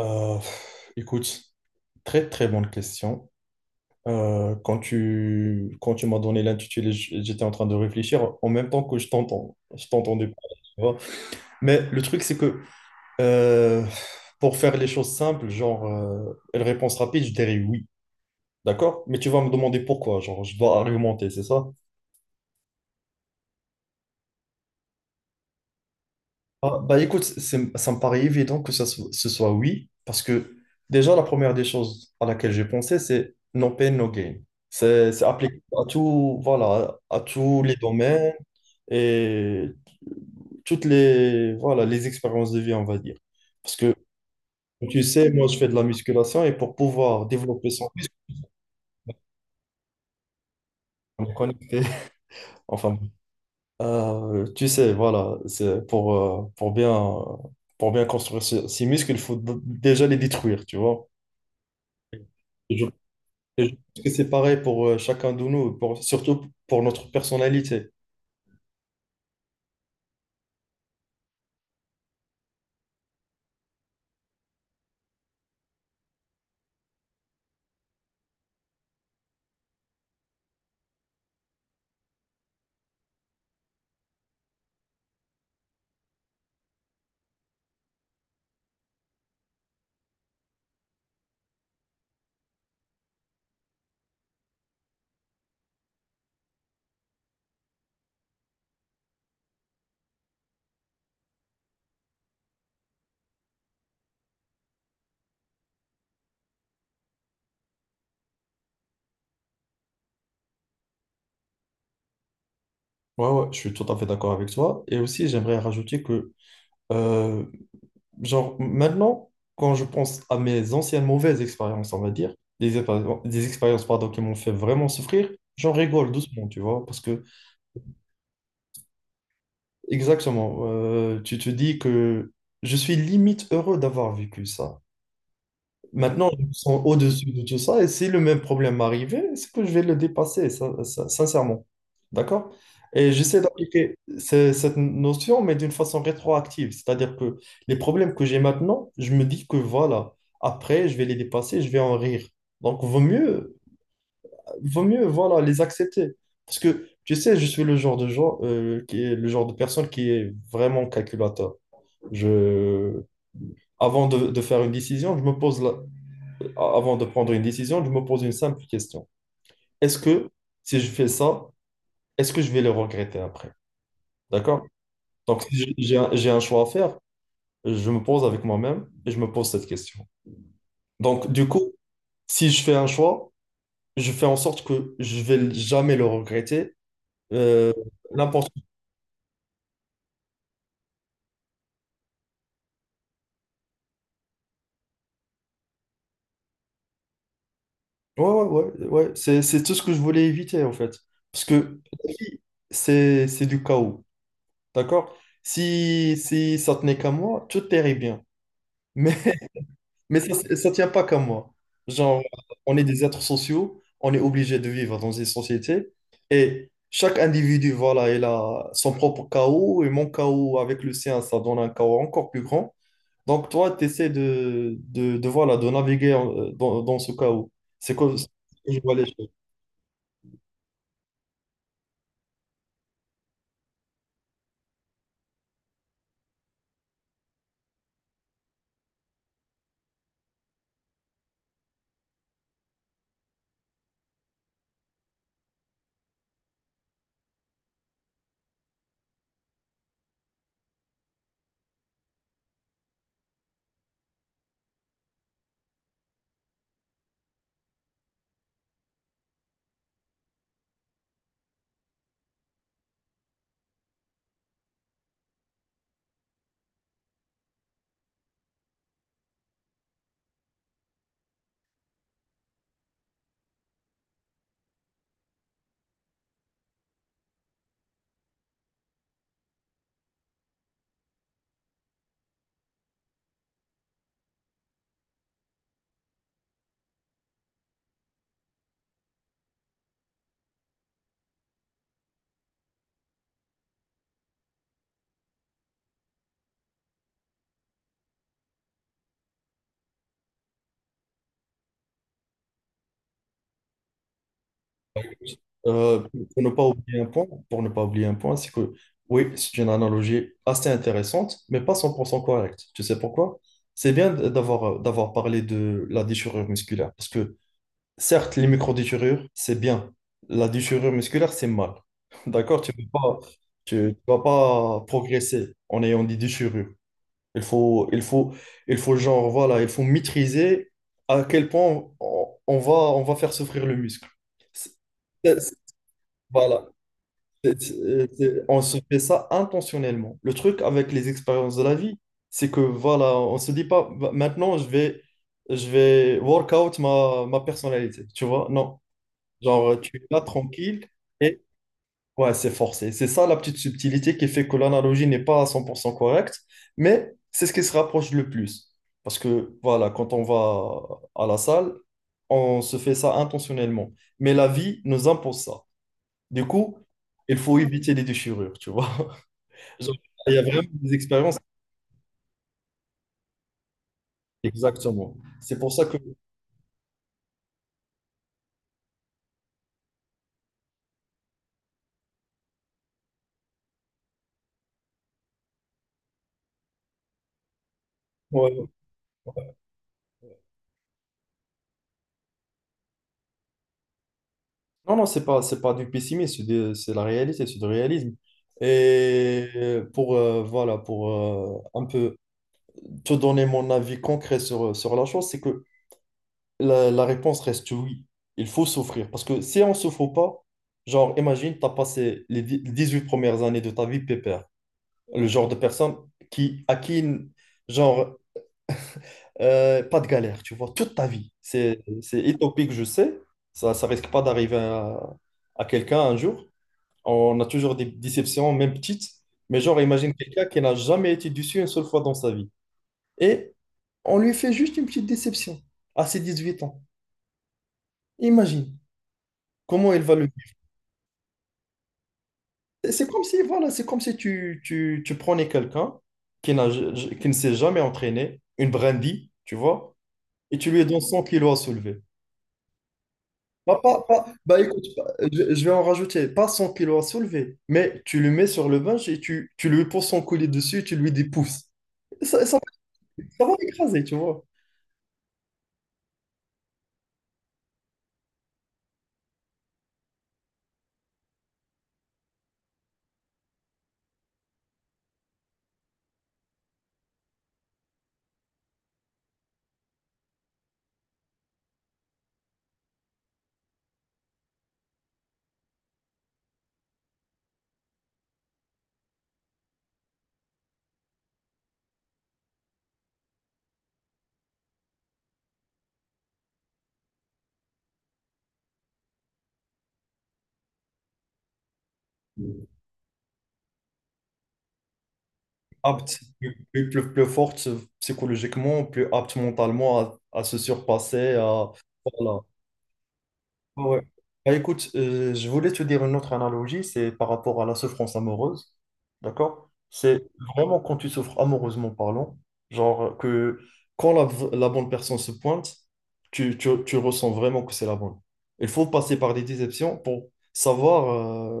Écoute, très très bonne question. Quand tu m'as donné l'intitulé, j'étais en train de réfléchir en même temps que je t'entends. Je t'entendais pas. Tu vois. Mais le truc, c'est que euh, pour faire les choses simples, genre, une réponse rapide, je dirais oui. D'accord? Mais tu vas me demander pourquoi. Genre, je dois argumenter, c'est ça? Ah, bah écoute, ça me paraît évident que ce soit oui, parce que déjà la première des choses à laquelle j'ai pensé, c'est no pain, no gain. C'est applicable à tout, voilà, à tous les domaines et toutes les, voilà, les expériences de vie, on va dire. Parce que tu sais, moi je fais de la musculation et pour pouvoir développer son corps, me connecter, enfin, tu sais, voilà, c'est pour bien construire ces muscles, il faut déjà les détruire, tu vois. Et je, et je pense que c'est pareil pour chacun de nous, pour, surtout pour notre personnalité. Ouais, ouais, je suis tout à fait d'accord avec toi. Et aussi, j'aimerais rajouter que euh, genre, maintenant, quand je pense à mes anciennes mauvaises expériences, on va dire, des expériences, pardon, qui m'ont fait vraiment souffrir, j'en rigole doucement, tu vois, parce que, exactement, tu te dis que je suis limite heureux d'avoir vécu ça. Maintenant, ils sont au-dessus de tout ça, et si le même problème m'arrivait, c'est que je vais le dépasser, sincèrement. D'accord? Et j'essaie d'appliquer cette notion, mais d'une façon rétroactive. C'est-à-dire que les problèmes que j'ai maintenant, je me dis que voilà, après, je vais les dépasser, je vais en rire. Donc, vaut mieux, voilà, les accepter. Parce que, tu sais, je suis le genre de gens, qui est le genre de personne qui est vraiment calculateur. Je, avant de faire une décision, je me pose là avant de prendre une décision, je me pose une simple question. Est-ce que si je fais ça, est-ce que je vais le regretter après? D'accord? Donc, si j'ai un choix à faire, je me pose avec moi-même et je me pose cette question. Donc, du coup, si je fais un choix, je fais en sorte que je vais jamais le regretter. Euh, n'importe. Ouais, ouais, ouais, ouais. C'est tout ce que je voulais éviter, en fait. Parce que la vie, c'est du chaos. D'accord? Si, si ça tenait qu'à moi, tout irait bien. Mais Mais ça, ça tient pas qu'à moi. Genre, on est des êtres sociaux, on est obligé de vivre dans une société et chaque individu, voilà, il a son propre chaos et mon chaos avec le sien, ça donne un chaos encore plus grand. Donc, toi, tu essaies de, voilà, de naviguer dans, dans ce chaos. C'est comme ça que je vois les choses. Euh, pour ne pas oublier un point, pour ne pas oublier un point, c'est que oui, c'est une analogie assez intéressante, mais pas 100% correcte. Tu sais pourquoi? C'est bien d'avoir d'avoir parlé de la déchirure musculaire, parce que certes, les micro-déchirures, c'est bien. La déchirure musculaire, c'est mal. D'accord? Tu ne peux pas, tu vas pas progresser en ayant des déchirures. Il faut, il faut, il faut genre, voilà, il faut maîtriser à quel point on va faire souffrir le muscle. C'est- c'est- Voilà. On se fait ça intentionnellement. Le truc avec les expériences de la vie, c'est que voilà, on se dit pas maintenant je vais work out ma personnalité, tu vois? Non. Genre tu es là tranquille et ouais, c'est forcé. C'est ça la petite subtilité qui fait que l'analogie n'est pas à 100% correcte, mais c'est ce qui se rapproche le plus. Parce que voilà, quand on va à la salle, on se fait ça intentionnellement. Mais la vie nous impose ça. Du coup, il faut éviter les déchirures, tu vois. Genre, il y a vraiment des expériences. Exactement. C'est pour ça que... ouais. Non, non, c'est pas du pessimisme, c'est la réalité, c'est du réalisme. Et pour, voilà, pour un peu te donner mon avis concret sur, sur la chose, c'est que la réponse reste oui. Il faut souffrir. Parce que si on ne souffre pas, genre, imagine, tu as passé les 18 premières années de ta vie pépère. Le genre de personne qui, à qui, genre, pas de galère, tu vois, toute ta vie. C'est utopique, je sais. Ça risque pas d'arriver à quelqu'un un jour. On a toujours des déceptions, même petites. Mais genre, imagine quelqu'un qui n'a jamais été déçu une seule fois dans sa vie. Et on lui fait juste une petite déception à ses 18 ans. Imagine comment il va le vivre. Et c'est comme si, voilà, c'est comme si tu prenais quelqu'un qui ne s'est jamais entraîné, une brindille, tu vois, et tu lui donnes 100 kilos à soulever. Bah, bah, écoute, je vais en rajouter, pas 100 kilos à soulever, mais tu le mets sur le bench et tu lui poses son collier dessus et tu lui dis pousse. Ça, ça, ça va l'écraser, tu vois. Apte, plus forte psychologiquement, plus apte mentalement à se surpasser, à, voilà, ouais. Ouais. Bah, écoute, je voulais te dire une autre analogie, c'est par rapport à la souffrance amoureuse, d'accord? C'est vraiment quand tu souffres amoureusement parlant, genre que quand la bonne personne se pointe, tu ressens vraiment que c'est la bonne. Il faut passer par des déceptions pour savoir,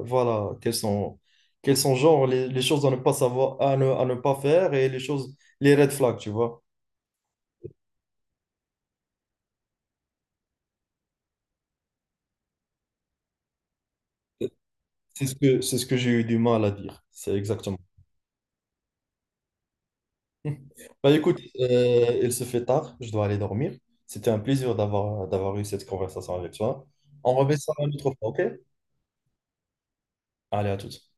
voilà, quelles sont genre les choses à ne pas savoir, à ne pas faire et les choses, les red flags, tu vois? C'est ce que j'ai eu du mal à dire. C'est exactement. Bah écoute, il se fait tard, je dois aller dormir. C'était un plaisir d'avoir eu cette conversation avec toi. On remet ça une autre fois, ok? Allez, à toutes.